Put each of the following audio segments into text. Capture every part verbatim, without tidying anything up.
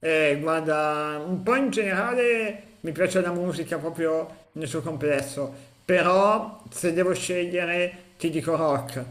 Eh, guarda, un po' in generale mi piace la musica proprio nel suo complesso, però se devo scegliere ti dico rock,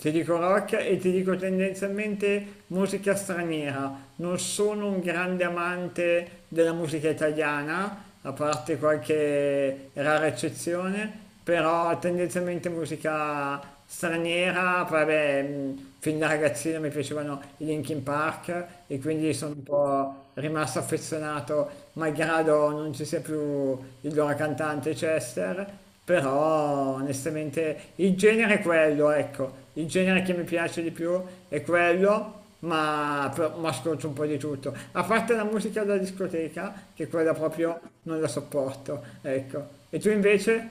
ti dico rock e ti dico tendenzialmente musica straniera. Non sono un grande amante della musica italiana, a parte qualche rara eccezione, però tendenzialmente musica straniera, poi vabbè, mh, fin da ragazzino mi piacevano i Linkin Park e quindi sono un po' rimasto affezionato, malgrado non ci sia più il loro cantante Chester, però onestamente il genere è quello, ecco, il genere che mi piace di più è quello. Ma, però- ma ascolto un po' di tutto, a parte la musica da discoteca, che quella proprio non la sopporto, ecco. E tu invece?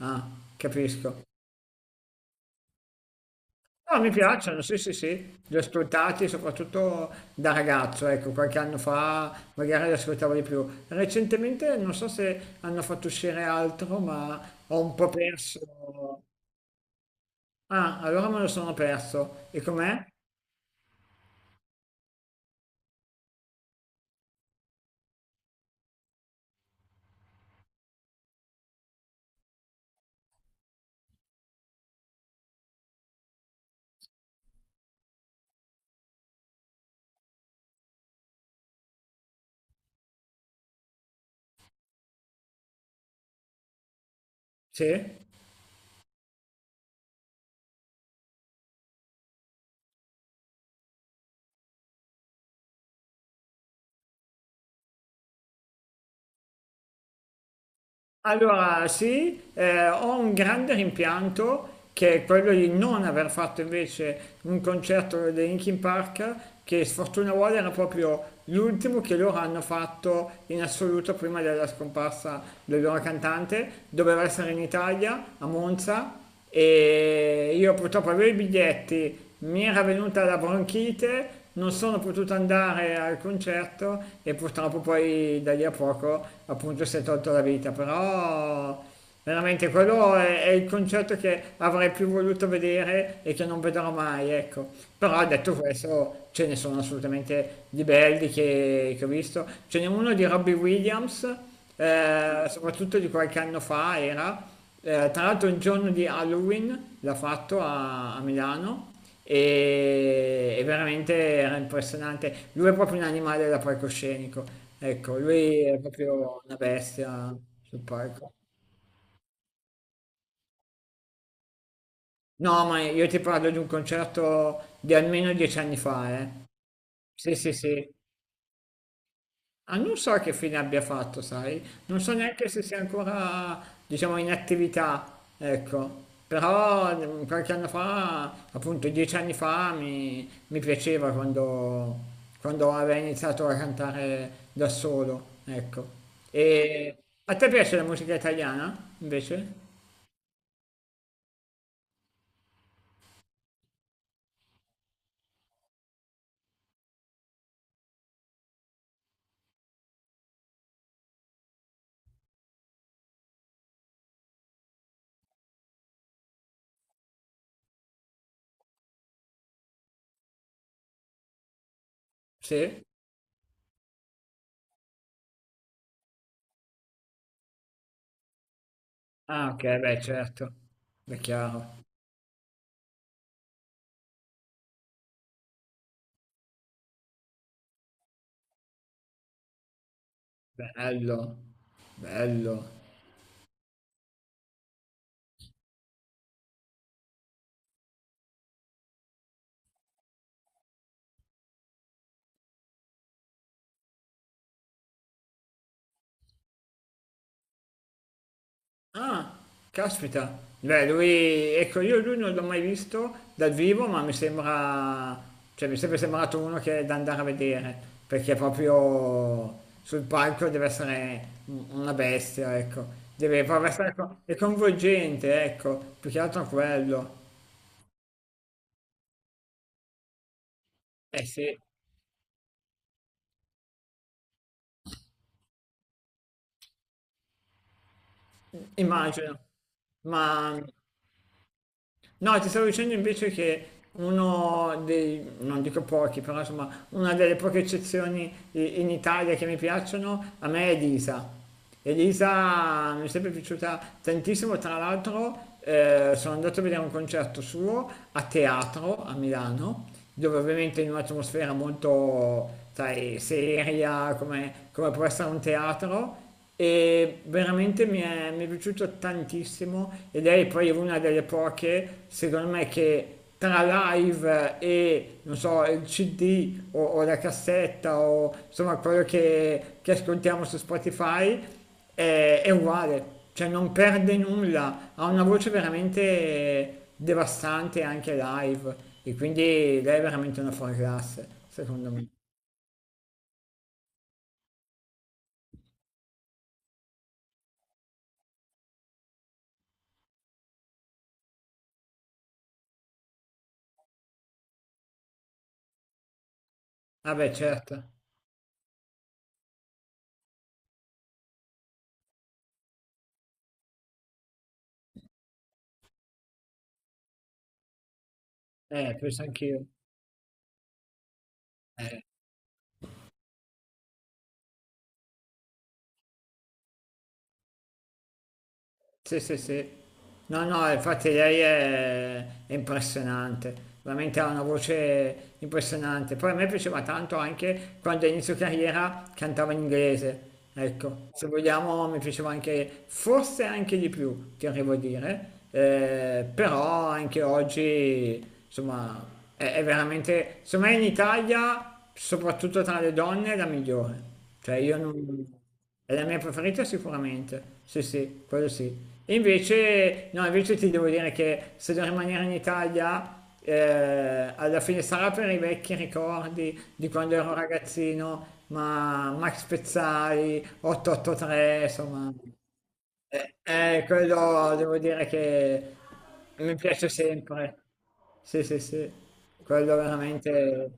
Ah, capisco. No, mi piacciono, sì, sì, sì, li ho ascoltati soprattutto da ragazzo, ecco, qualche anno fa magari li ascoltavo di più. Recentemente non so se hanno fatto uscire altro, ma ho un po' perso. Ah, allora me lo sono perso. E com'è? Sì? Allora, sì, eh, ho un grande rimpianto che è quello di non aver fatto invece un concerto dei Linkin Park che sfortuna vuole era proprio l'ultimo che loro hanno fatto in assoluto prima della scomparsa del loro cantante. Doveva essere in Italia, a Monza, e io purtroppo avevo i biglietti, mi era venuta la bronchite, non sono potuto andare al concerto e purtroppo poi da lì a poco appunto si è tolto la vita, però veramente quello è, è il concerto che avrei più voluto vedere e che non vedrò mai, ecco. Però detto questo ce ne sono assolutamente di belli che, che ho visto, ce n'è uno di Robbie Williams, eh, soprattutto di qualche anno fa era eh, tra l'altro il giorno di Halloween l'ha fatto a, a Milano e, e veramente era impressionante. Lui è proprio un animale da palcoscenico, ecco, lui è proprio una bestia sul palco. No, ma io ti parlo di un concerto di almeno dieci anni fa, eh. Sì, sì, sì. Ah, non so che fine abbia fatto, sai? Non so neanche se sia ancora, diciamo, in attività, ecco. Però mm, qualche anno fa, appunto dieci anni fa, mi, mi piaceva quando, quando aveva iniziato a cantare da solo, ecco. E a te piace la musica italiana, invece? Sì? Ah, ok, beh, certo. È chiaro. Bello, bello. Ah, caspita. Beh, lui, ecco, io lui non l'ho mai visto dal vivo, ma mi sembra, cioè mi è sempre sembrato uno che è da andare a vedere, perché proprio sul palco deve essere un- una bestia, ecco. Deve proprio essere co- è coinvolgente, ecco, più che altro quello. Eh sì, immagino. Ma no, ti stavo dicendo invece che uno dei, non dico pochi, però insomma, una delle poche eccezioni i- in Italia che mi piacciono, a me è Elisa. Elisa mi è sempre piaciuta tantissimo, tra l'altro eh, sono andato a vedere un concerto suo a teatro a Milano, dove ovviamente in un'atmosfera molto, sai, seria, come, come può essere un teatro, e veramente mi è, mi è piaciuto tantissimo e lei poi è una delle poche, secondo me, che tra live e, non so, il C D o, o la cassetta o insomma quello che, che ascoltiamo su Spotify è, è uguale, cioè non perde nulla, ha una voce veramente devastante anche live e quindi lei è veramente una fuori classe, secondo me. Vabbè, certo, eh, penso anch'io. Eh. Sì, sì, sì. No, no, infatti lei è, è impressionante, veramente ha una voce impressionante. Poi a me piaceva tanto anche quando a inizio carriera cantava in inglese. Ecco, se vogliamo mi piaceva anche, forse anche di più, ti arrivo a dire, eh, però anche oggi, insomma, è, è veramente, secondo me in Italia, soprattutto tra le donne, è la migliore. Cioè io non... È la mia preferita sicuramente, sì sì, quello sì. E invece, no, invece ti devo dire che se devo rimanere in Italia, eh, alla fine sarà per i vecchi ricordi di quando ero ragazzino, ma Max Pezzali, ottantotto tre, insomma, eh, eh, quello devo dire che mi piace sempre. Sì, sì, sì, quello veramente,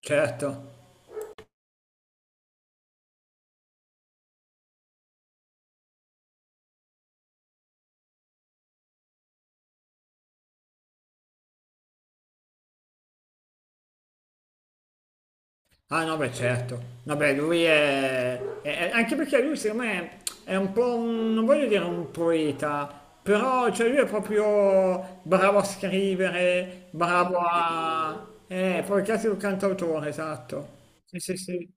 certo. Ah no, beh certo. Vabbè, lui è... è- è- anche perché lui secondo me è un po'... un- non voglio dire un poeta, però cioè, lui è proprio bravo a scrivere, bravo a... Eh, poi cazzo è un cantautore, esatto. Sì, sì, sì.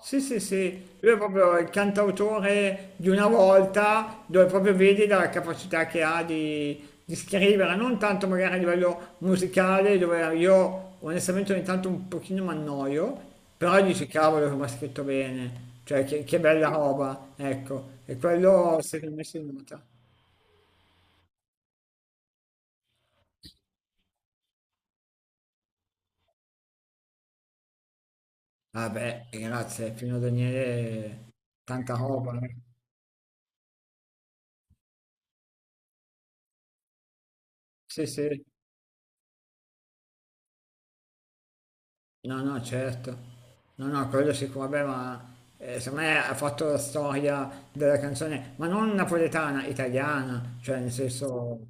Sì, sì, sì, lui è proprio il cantautore di una volta dove proprio vedi la capacità che ha di, di scrivere, non tanto magari a livello musicale dove io onestamente ogni tanto un pochino mi annoio, però dici cavolo come ha scritto bene, cioè che, che bella roba, ecco, e quello secondo me si nota. Vabbè, grazie, Pino Daniele, tanta roba. Sì, sì. No, no, certo. No, no, quello sicuro, vabbè, ma eh, secondo me ha fatto la storia della canzone, ma non napoletana, italiana, cioè nel senso...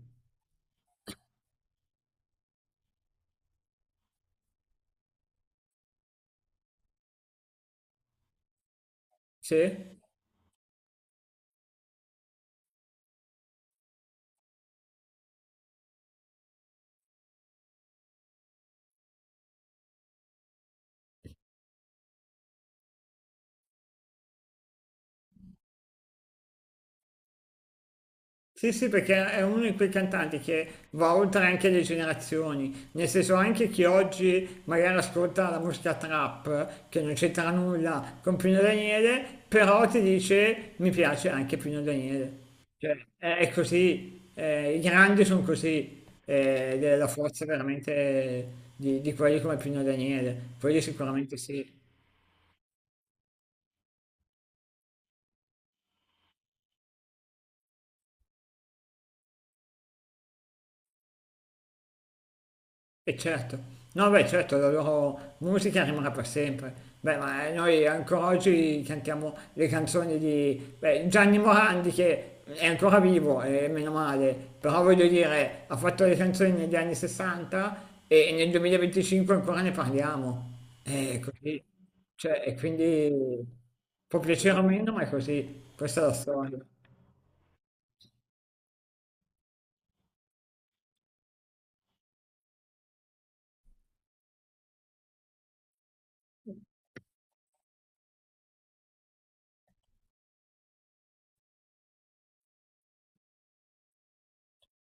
Sì? Sì, sì, perché è uno di quei cantanti che va oltre anche le generazioni, nel senso anche chi oggi magari ascolta la musica trap, che non c'entra nulla con Pino Daniele, però ti dice mi piace anche Pino Daniele. Cioè, è, è così, eh, i grandi sono così, eh, ed è la forza veramente di, di quelli come Pino Daniele, quelli sicuramente sì. E certo, no beh certo la loro musica rimarrà per sempre. Beh ma eh, noi ancora oggi cantiamo le canzoni di beh, Gianni Morandi che è ancora vivo e meno male, però voglio dire ha fatto le canzoni negli anni sessanta e nel duemilaventicinque ancora ne parliamo. E così, cioè, e quindi può piacere o meno ma è così, questa è la storia.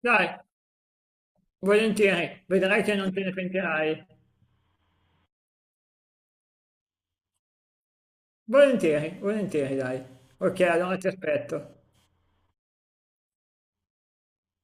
Dai, volentieri, vedrai che non te ne pentirai. Volentieri, volentieri, dai. Ok, allora ti aspetto.